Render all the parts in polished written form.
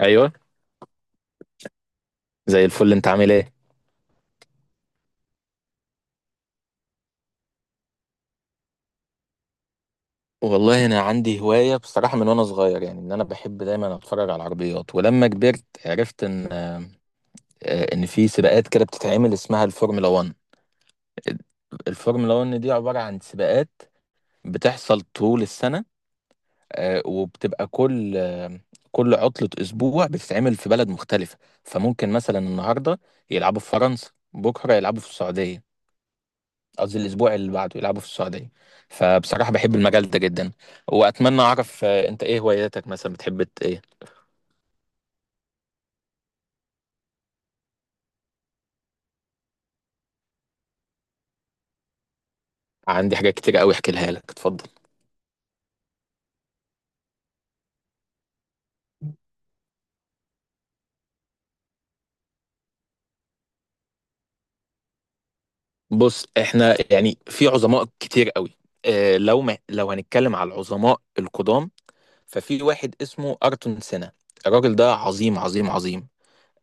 ايوه. زي الفل، انت عامل ايه؟ والله انا عندي هوايه بصراحه من وانا صغير، يعني ان انا بحب دايما اتفرج على العربيات، ولما كبرت عرفت ان في سباقات كده بتتعمل اسمها الفورمولا 1. الفورمولا 1 دي عباره عن سباقات بتحصل طول السنه، وبتبقى كل عطله اسبوع بتتعمل في بلد مختلفه. فممكن مثلا النهارده يلعبوا في فرنسا، بكره يلعبوا في السعوديه، قصدي الاسبوع اللي بعده يلعبوا في السعوديه. فبصراحه بحب المجال ده جدا، واتمنى اعرف انت ايه هواياتك، مثلا بتحب ايه؟ عندي حاجات كتير قوي احكي لها لك، اتفضل. بص احنا يعني في عظماء كتير قوي. اه لو ما لو هنتكلم على العظماء القدام، ففي واحد اسمه ارتون سينا. الراجل ده عظيم عظيم عظيم،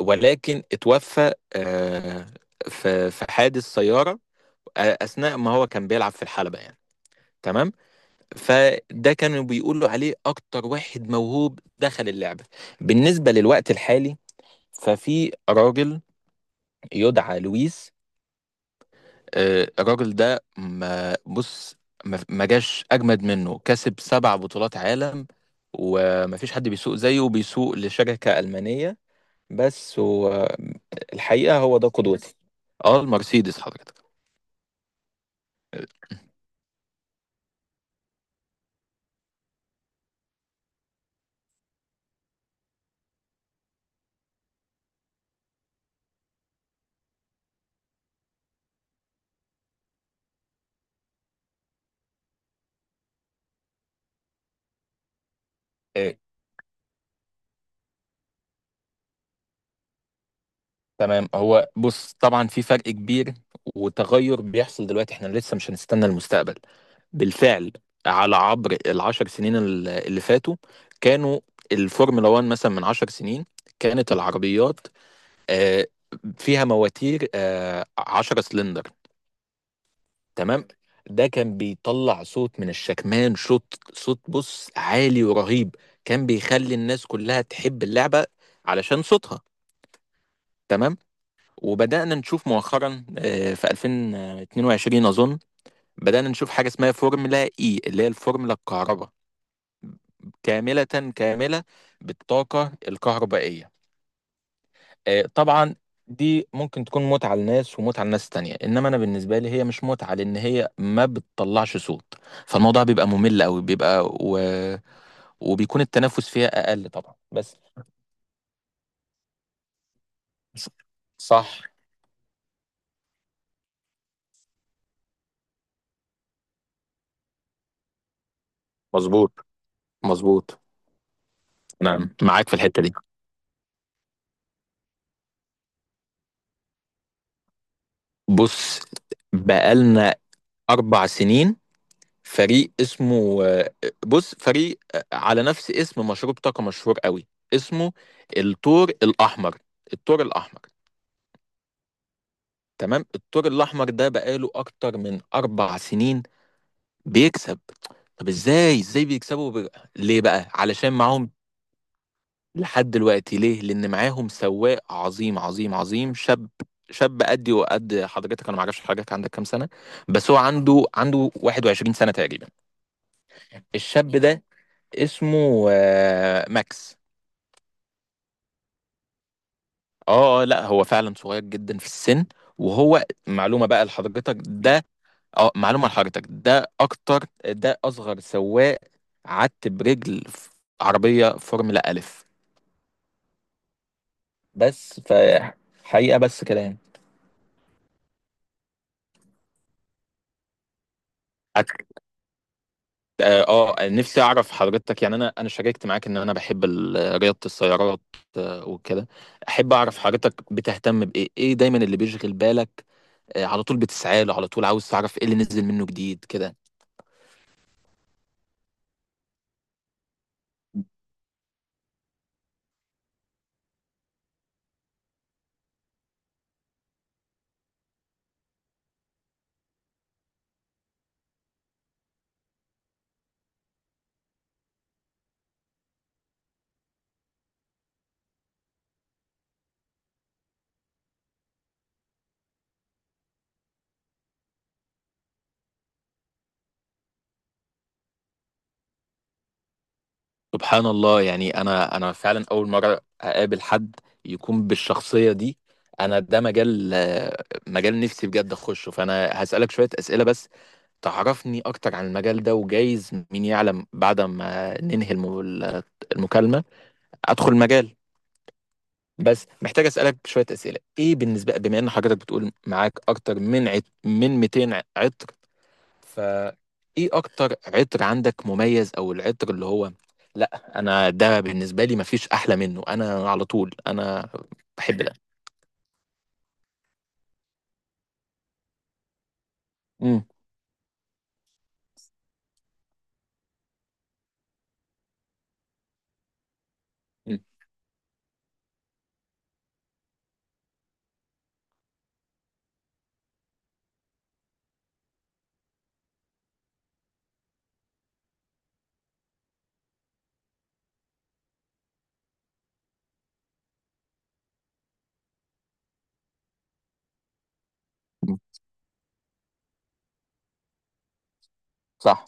ولكن اتوفى في حادث سياره، اثناء ما هو كان بيلعب في الحلبه يعني. تمام. فده كانوا بيقولوا عليه اكتر واحد موهوب دخل اللعبة. بالنسبة للوقت الحالي ففي راجل يدعى لويس. الراجل ده ما بص ما ما جاش اجمد منه، كسب سبع بطولات عالم، وما فيش حد بيسوق زيه، وبيسوق لشركة ألمانية، بس هو الحقيقة هو ده قدوتي. اه المرسيدس حضرتك. آه، تمام، هو بص طبعا في فرق كبير، وتغير بيحصل دلوقتي، احنا لسه مش هنستنى المستقبل. بالفعل، على عبر العشر سنين اللي فاتوا كانوا الفورمولا 1 مثلا من عشر سنين كانت العربيات آه، فيها مواتير عشرة سلندر. تمام. ده كان بيطلع صوت من الشكمان، صوت صوت بص عالي ورهيب، كان بيخلي الناس كلها تحب اللعبة علشان صوتها. تمام. وبدأنا نشوف مؤخرا في 2022 أظن، بدأنا نشوف حاجة اسمها فورمولا إي، اللي هي الفورمولا الكهرباء كاملة، كاملة بالطاقة الكهربائية. طبعا دي ممكن تكون متعة لناس ومتعة لناس تانية، إنما أنا بالنسبة لي هي مش متعة، لأن هي ما بتطلعش صوت، فالموضوع بيبقى ممل أوي، بيبقى وبيكون التنافس فيها أقل طبعا، بس صح، مظبوط، مظبوط. نعم معاك في الحتة دي. بص بقالنا أربع سنين، فريق اسمه، بص فريق على نفس اسم مشروب طاقة مشهور قوي، اسمه الثور الأحمر. الثور الأحمر، تمام، الثور الأحمر ده بقاله أكتر من أربع سنين بيكسب. طب ازاي بيكسبوا ليه بقى؟ علشان معاهم، لحد دلوقتي، ليه؟ لأن معاهم سواق عظيم عظيم عظيم شاب، شاب قدي وقد حضرتك، انا ما اعرفش حضرتك عندك كام سنه، بس هو عنده 21 سنه تقريبا. الشاب ده اسمه ماكس. لا هو فعلا صغير جدا في السن، وهو معلومة بقى لحضرتك ده. اه معلومة لحضرتك، ده اكتر، ده اصغر سواق عدت برجل في عربية فورمولا الف، بس حقيقة بس كده يعني. أك- نفسي اعرف حضرتك، يعني انا شاركت معاك ان انا بحب رياضة السيارات وكده، احب اعرف حضرتك بتهتم بايه، ايه دايما اللي بيشغل بالك، على طول بتسعاله، على طول عاوز تعرف ايه اللي نزل منه جديد كده. سبحان الله، يعني انا فعلا اول مره اقابل حد يكون بالشخصيه دي. انا ده مجال، مجال نفسي بجد اخشه، فانا هسالك شويه اسئله بس تعرفني اكتر عن المجال ده، وجايز مين يعلم بعد ما ننهي المكالمه ادخل المجال. بس محتاج اسالك شويه اسئله. ايه بالنسبه بما ان حضرتك بتقول معاك اكتر من من 200 عطر، فايه اكتر عطر عندك مميز؟ او العطر اللي هو لا، انا ده بالنسبه لي مفيش احلى منه، انا على طول انا بحب ده. امم. إمم، إمم، صح،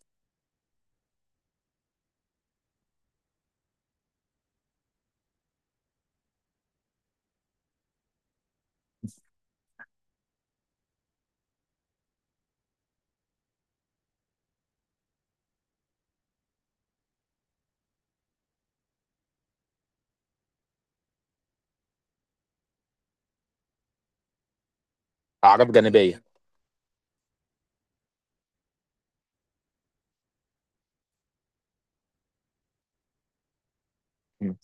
اعراض جانبيه. مم.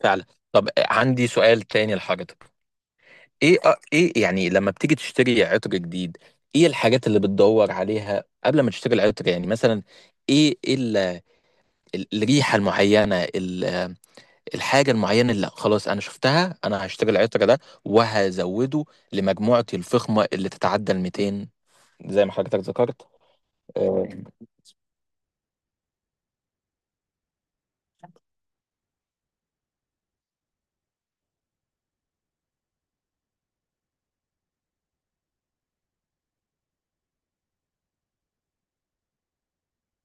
فعلا. طب عندي سؤال تاني لحضرتك. ايه ايه يعني لما بتيجي تشتري عطر جديد، ايه الحاجات اللي بتدور عليها قبل ما تشتري العطر؟ يعني مثلا ايه الريحه المعينه، الحاجة المعينة اللي لأ، خلاص أنا شفتها، أنا هاشتري العطر ده وهزوده لمجموعتي الفخمة اللي تتعدى ال 200، زي ما حضرتك ذكرت. آه،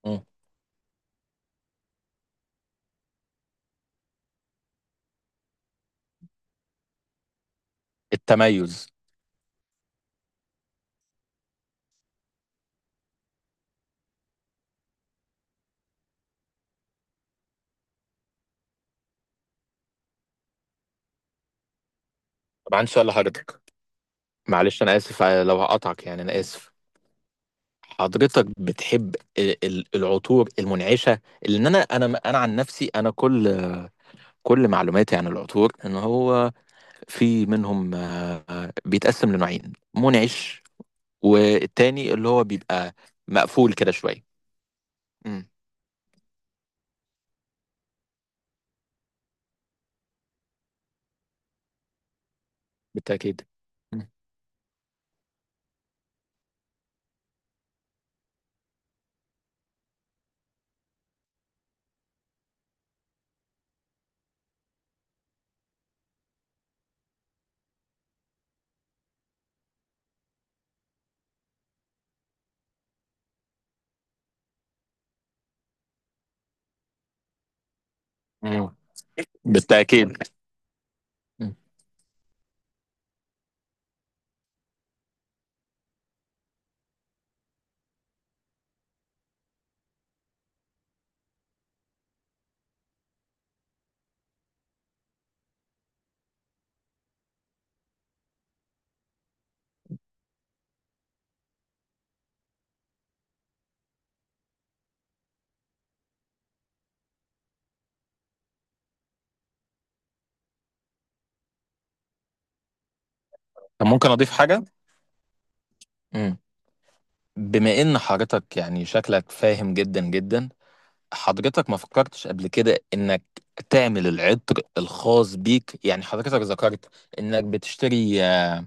مم. التميز. طب عندي سؤال لحضرتك، معلش أنا آسف، لو هقطعك يعني أنا آسف. حضرتك بتحب العطور المنعشة؟ لأن أنا عن نفسي أنا كل، كل معلوماتي عن العطور إن هو في منهم بيتقسم لنوعين، منعش والتاني اللي هو بيبقى مقفول كده شوية. مم. بالتأكيد. مم. مم. بالتأكيد. مم. طب ممكن أضيف حاجة؟ مم. بما إن حضرتك يعني شكلك فاهم جدا جدا، حضرتك ما فكرتش قبل كده إنك تعمل العطر الخاص بيك؟ يعني حضرتك ذكرت إنك بتشتري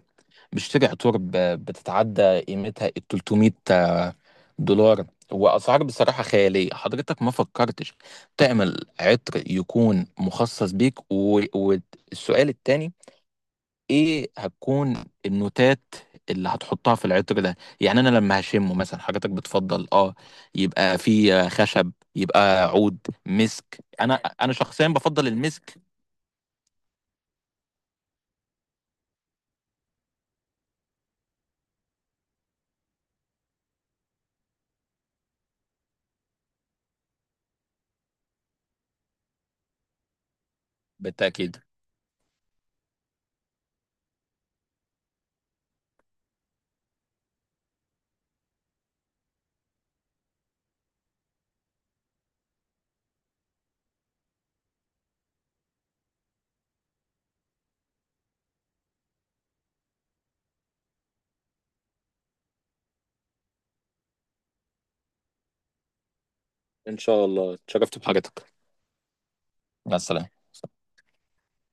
بتشتري عطور بتتعدى قيمتها ال 300 دولار، وأسعار بصراحة خيالية. حضرتك ما فكرتش تعمل عطر يكون مخصص بيك والسؤال التاني، ايه هتكون النوتات اللي هتحطها في العطر ده؟ يعني انا لما هشمه مثلا، حضرتك بتفضل يبقى فيه خشب، يبقى عود، مسك؟ انا شخصيا بفضل المسك. بالتاكيد. ان شاء الله، اتشرفت بحضرتك. مع السلامه.